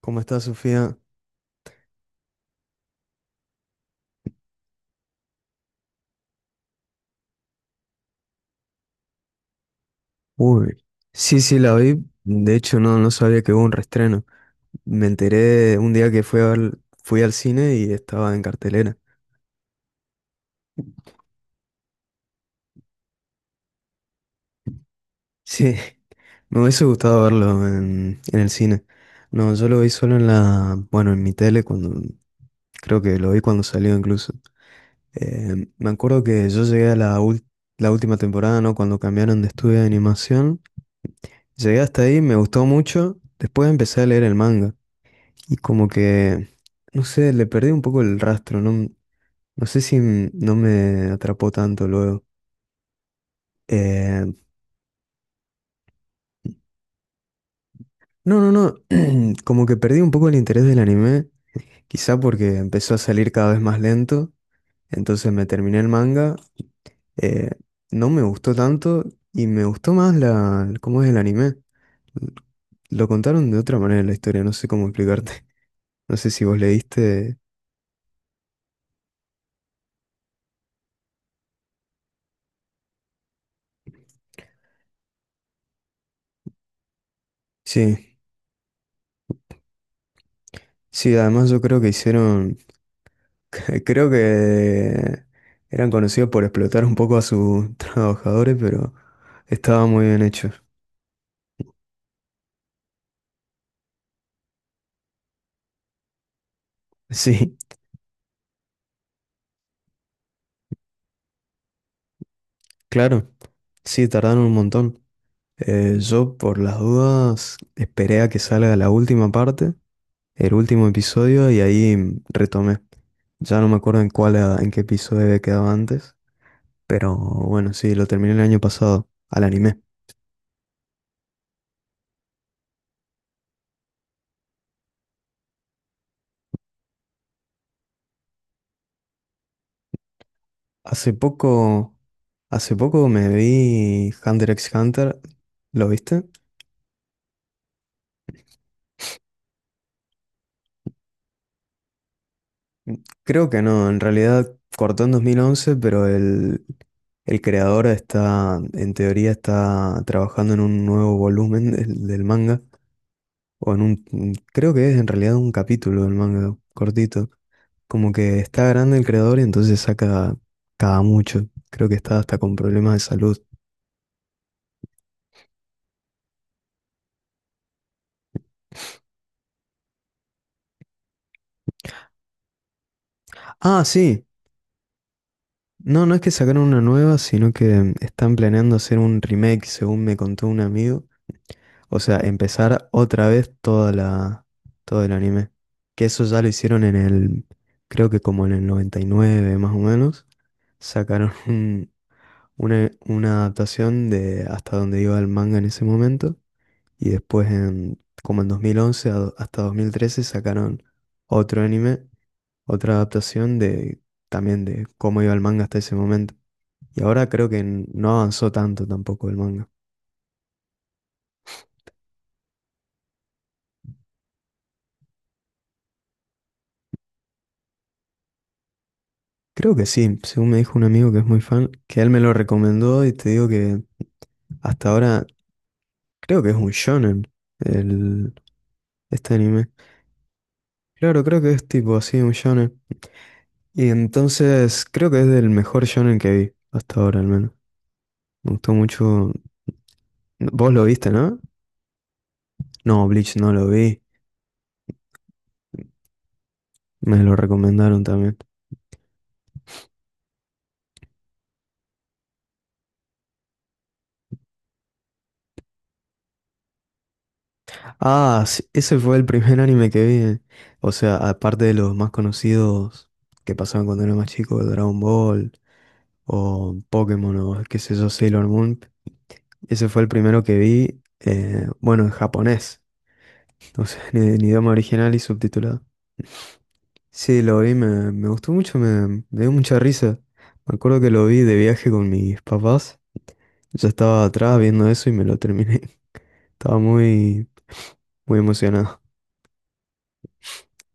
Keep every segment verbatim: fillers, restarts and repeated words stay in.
¿Cómo está Sofía? Uy, sí, sí, la vi. De hecho, no, no sabía que hubo un reestreno. Me enteré un día que fui al, fui al cine y estaba en cartelera. Sí, me hubiese gustado verlo en, en el cine. No, yo lo vi solo en la, bueno, en mi tele cuando, creo que lo vi cuando salió incluso. Eh, me acuerdo que yo llegué a la, ul- la última temporada, ¿no? Cuando cambiaron de estudio de animación. Llegué hasta ahí, me gustó mucho. Después empecé a leer el manga. Y como que, no sé, le perdí un poco el rastro, no, no sé si m- no me atrapó tanto luego. Eh, no, no, no, como que perdí un poco el interés del anime, quizá porque empezó a salir cada vez más lento, entonces me terminé el manga, eh, no me gustó tanto y me gustó más la, cómo es el anime. Lo contaron de otra manera la historia, no sé cómo explicarte. No sé si vos leíste. Sí, sí, además yo creo que hicieron Creo que eran conocidos por explotar un poco a sus trabajadores, pero estaba muy bien hecho. Sí, claro. Sí, tardaron un montón. Eh, yo, por las dudas, esperé a que salga la última parte, el último episodio, y ahí retomé. Ya no me acuerdo en cuál, era- en qué episodio había quedado antes, pero bueno, sí, lo terminé el año pasado, al anime. Hace poco, hace poco me vi Hunter x Hunter, ¿lo viste? Creo que no, en realidad cortó en dos mil once, pero el, el creador está, en teoría, está trabajando en un nuevo volumen del, del manga, o en un, creo que es en realidad un capítulo del manga, cortito. Como que está grande el creador y entonces saca cada mucho. Creo que está hasta con problemas de salud. Ah, sí. No, no es que sacaron una nueva, sino que están planeando hacer un remake, según me contó un amigo. O sea, empezar otra vez toda la, todo el anime. Que eso ya lo hicieron en el, creo que como en el noventa y nueve más o menos. Sacaron un- una, una adaptación de hasta donde iba el manga en ese momento. Y después en, como en dos mil once a- do- hasta dos mil trece sacaron otro anime, otra adaptación de también de cómo iba el manga hasta ese momento. Y ahora creo que n- no avanzó tanto tampoco el manga. Creo que sí, según me dijo un amigo que es muy fan, que él me lo recomendó y te digo que hasta ahora creo que es un shonen el, este anime. Claro, creo que es tipo así, un shonen. Y entonces creo que es del mejor shonen que vi, hasta ahora al menos. Me gustó mucho. Vos lo viste, ¿no? No, Bleach no lo vi, me lo recomendaron también. Ah, sí, ese fue el primer anime que vi. Eh. O sea, aparte de los más conocidos que pasaban cuando era más chico, Dragon Ball. O Pokémon o qué sé yo, Sailor Moon. Ese fue el primero que vi, eh, bueno, en japonés, entonces en, en idioma original y subtitulado. Sí, lo vi, me, me gustó mucho, me, me dio mucha risa. Me acuerdo que lo vi de viaje con mis papás. Yo estaba atrás viendo eso y me lo terminé. Estaba muy, muy emocionado.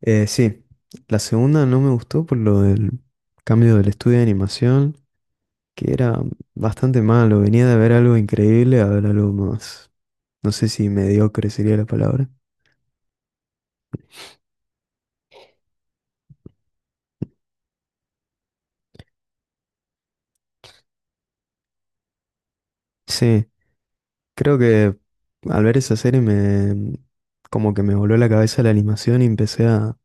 Eh, sí, la segunda no me gustó por lo del cambio del estudio de animación, que era bastante malo. Venía de ver algo increíble a ver algo más. No sé si mediocre sería la palabra. Sí, creo que al ver esa serie me como que me voló la cabeza la animación y empecé a,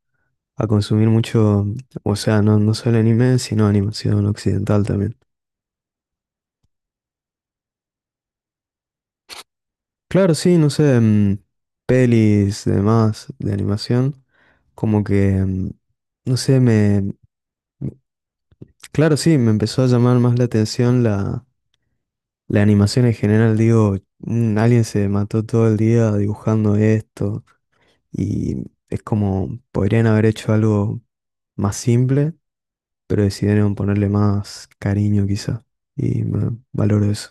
a consumir mucho, o sea, no, no solo anime, sino animación occidental también. Claro, sí, no sé, mm, pelis, demás de animación, como que, mm, no sé, me, claro, sí, me empezó a llamar más la atención la, la animación en general, digo, "Mm, alguien se mató todo el día dibujando esto. Y es como, podrían haber hecho algo más simple, pero decidieron ponerle más cariño quizá. Y me valoro eso.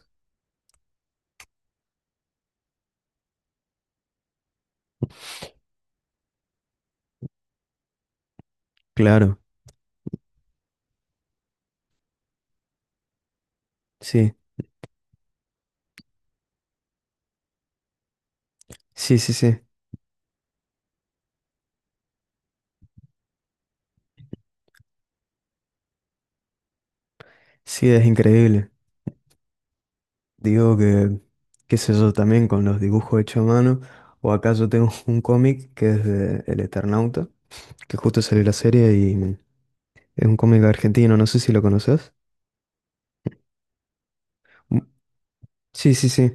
Claro, sí, sí, sí, sí. Sí, es increíble. Digo que, qué sé yo, también con los dibujos hechos a mano, o acá yo tengo un cómic que es de El Eternauta, que justo salió la serie y es un cómic argentino, no sé si lo conoces. Mm, sí, sí, sí.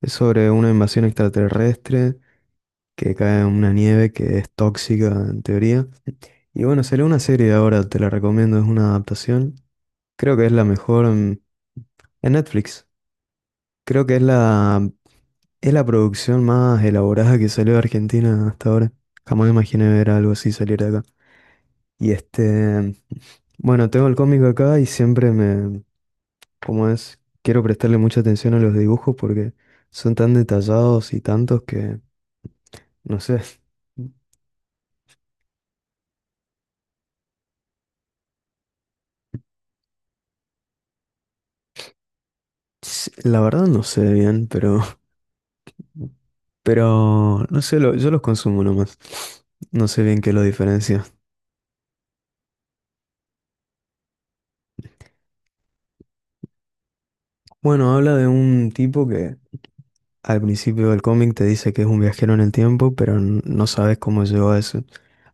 Es sobre una invasión extraterrestre que cae una nieve que es tóxica en teoría. Y bueno, salió una serie ahora, te la recomiendo, es una adaptación. Creo que es la mejor en, en Netflix. Creo que es la, es la producción más elaborada que salió de Argentina hasta ahora. Jamás imaginé ver algo así salir de acá. Y este, bueno, tengo el cómic acá y siempre me, como es, quiero prestarle mucha atención a los dibujos porque son tan detallados y tantos que, no sé, s- la verdad no sé bien, pero Pero no sé, lo- yo los consumo nomás. No sé bien qué lo diferencia. Bueno, habla de un tipo que al principio del cómic te dice que es un viajero en el tiempo, pero n- no sabes cómo llegó a eso.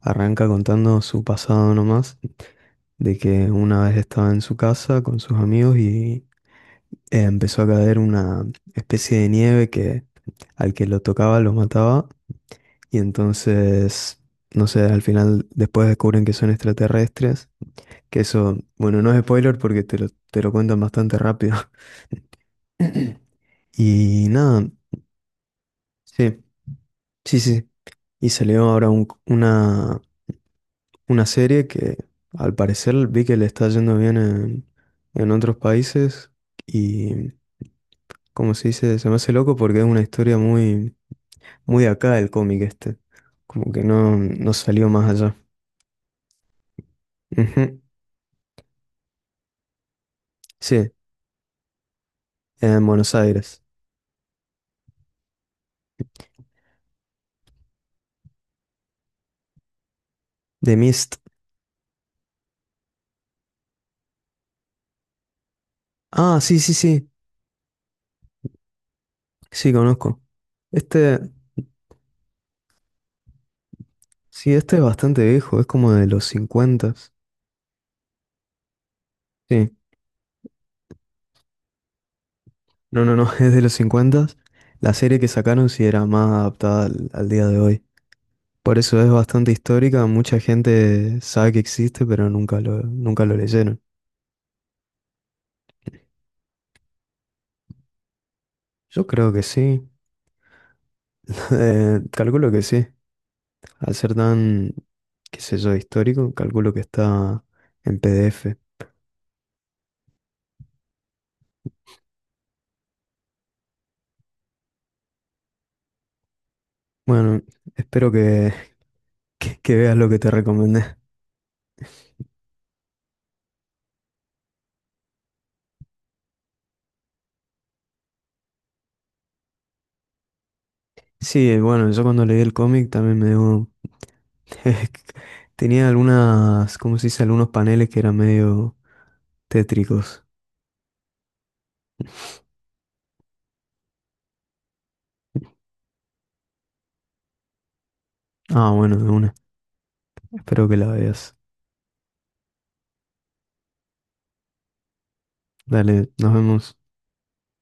Arranca contando su pasado nomás, de que una vez estaba en su casa con sus amigos y eh, empezó a caer una especie de nieve que al que lo tocaba lo mataba. Y entonces, no sé, al final después descubren que son extraterrestres. Que eso, bueno, no es spoiler porque te lo, te lo cuentan bastante rápido. Y nada, sí, sí, sí. Y salió ahora un- una, una serie que al parecer vi que le está yendo bien en, en otros países. Y como se dice, se me hace loco porque es una historia muy, muy de acá el cómic este. Como que no, no salió más allá. Ujú, sí, en Buenos Aires. The Mist. Ah, sí, sí, sí. Sí, conozco. Este. Sí, este es bastante viejo, es como de los cincuenta. Sí, no, no, no, es de los cincuenta. La serie que sacaron sí era más adaptada al, al día de hoy. Por eso es bastante histórica, mucha gente sabe que existe, pero nunca lo, nunca lo leyeron. Yo creo que sí, eh, calculo que sí. Al ser tan, qué sé yo, histórico, calculo que está en P D F. Bueno, espero que, que, que veas lo que te recomendé. Sí, bueno, yo cuando leí el cómic también me dio Tenía algunas, ¿cómo se dice? Algunos paneles que eran medio tétricos. Ah, bueno, de una. Espero que la veas. Dale, nos vemos.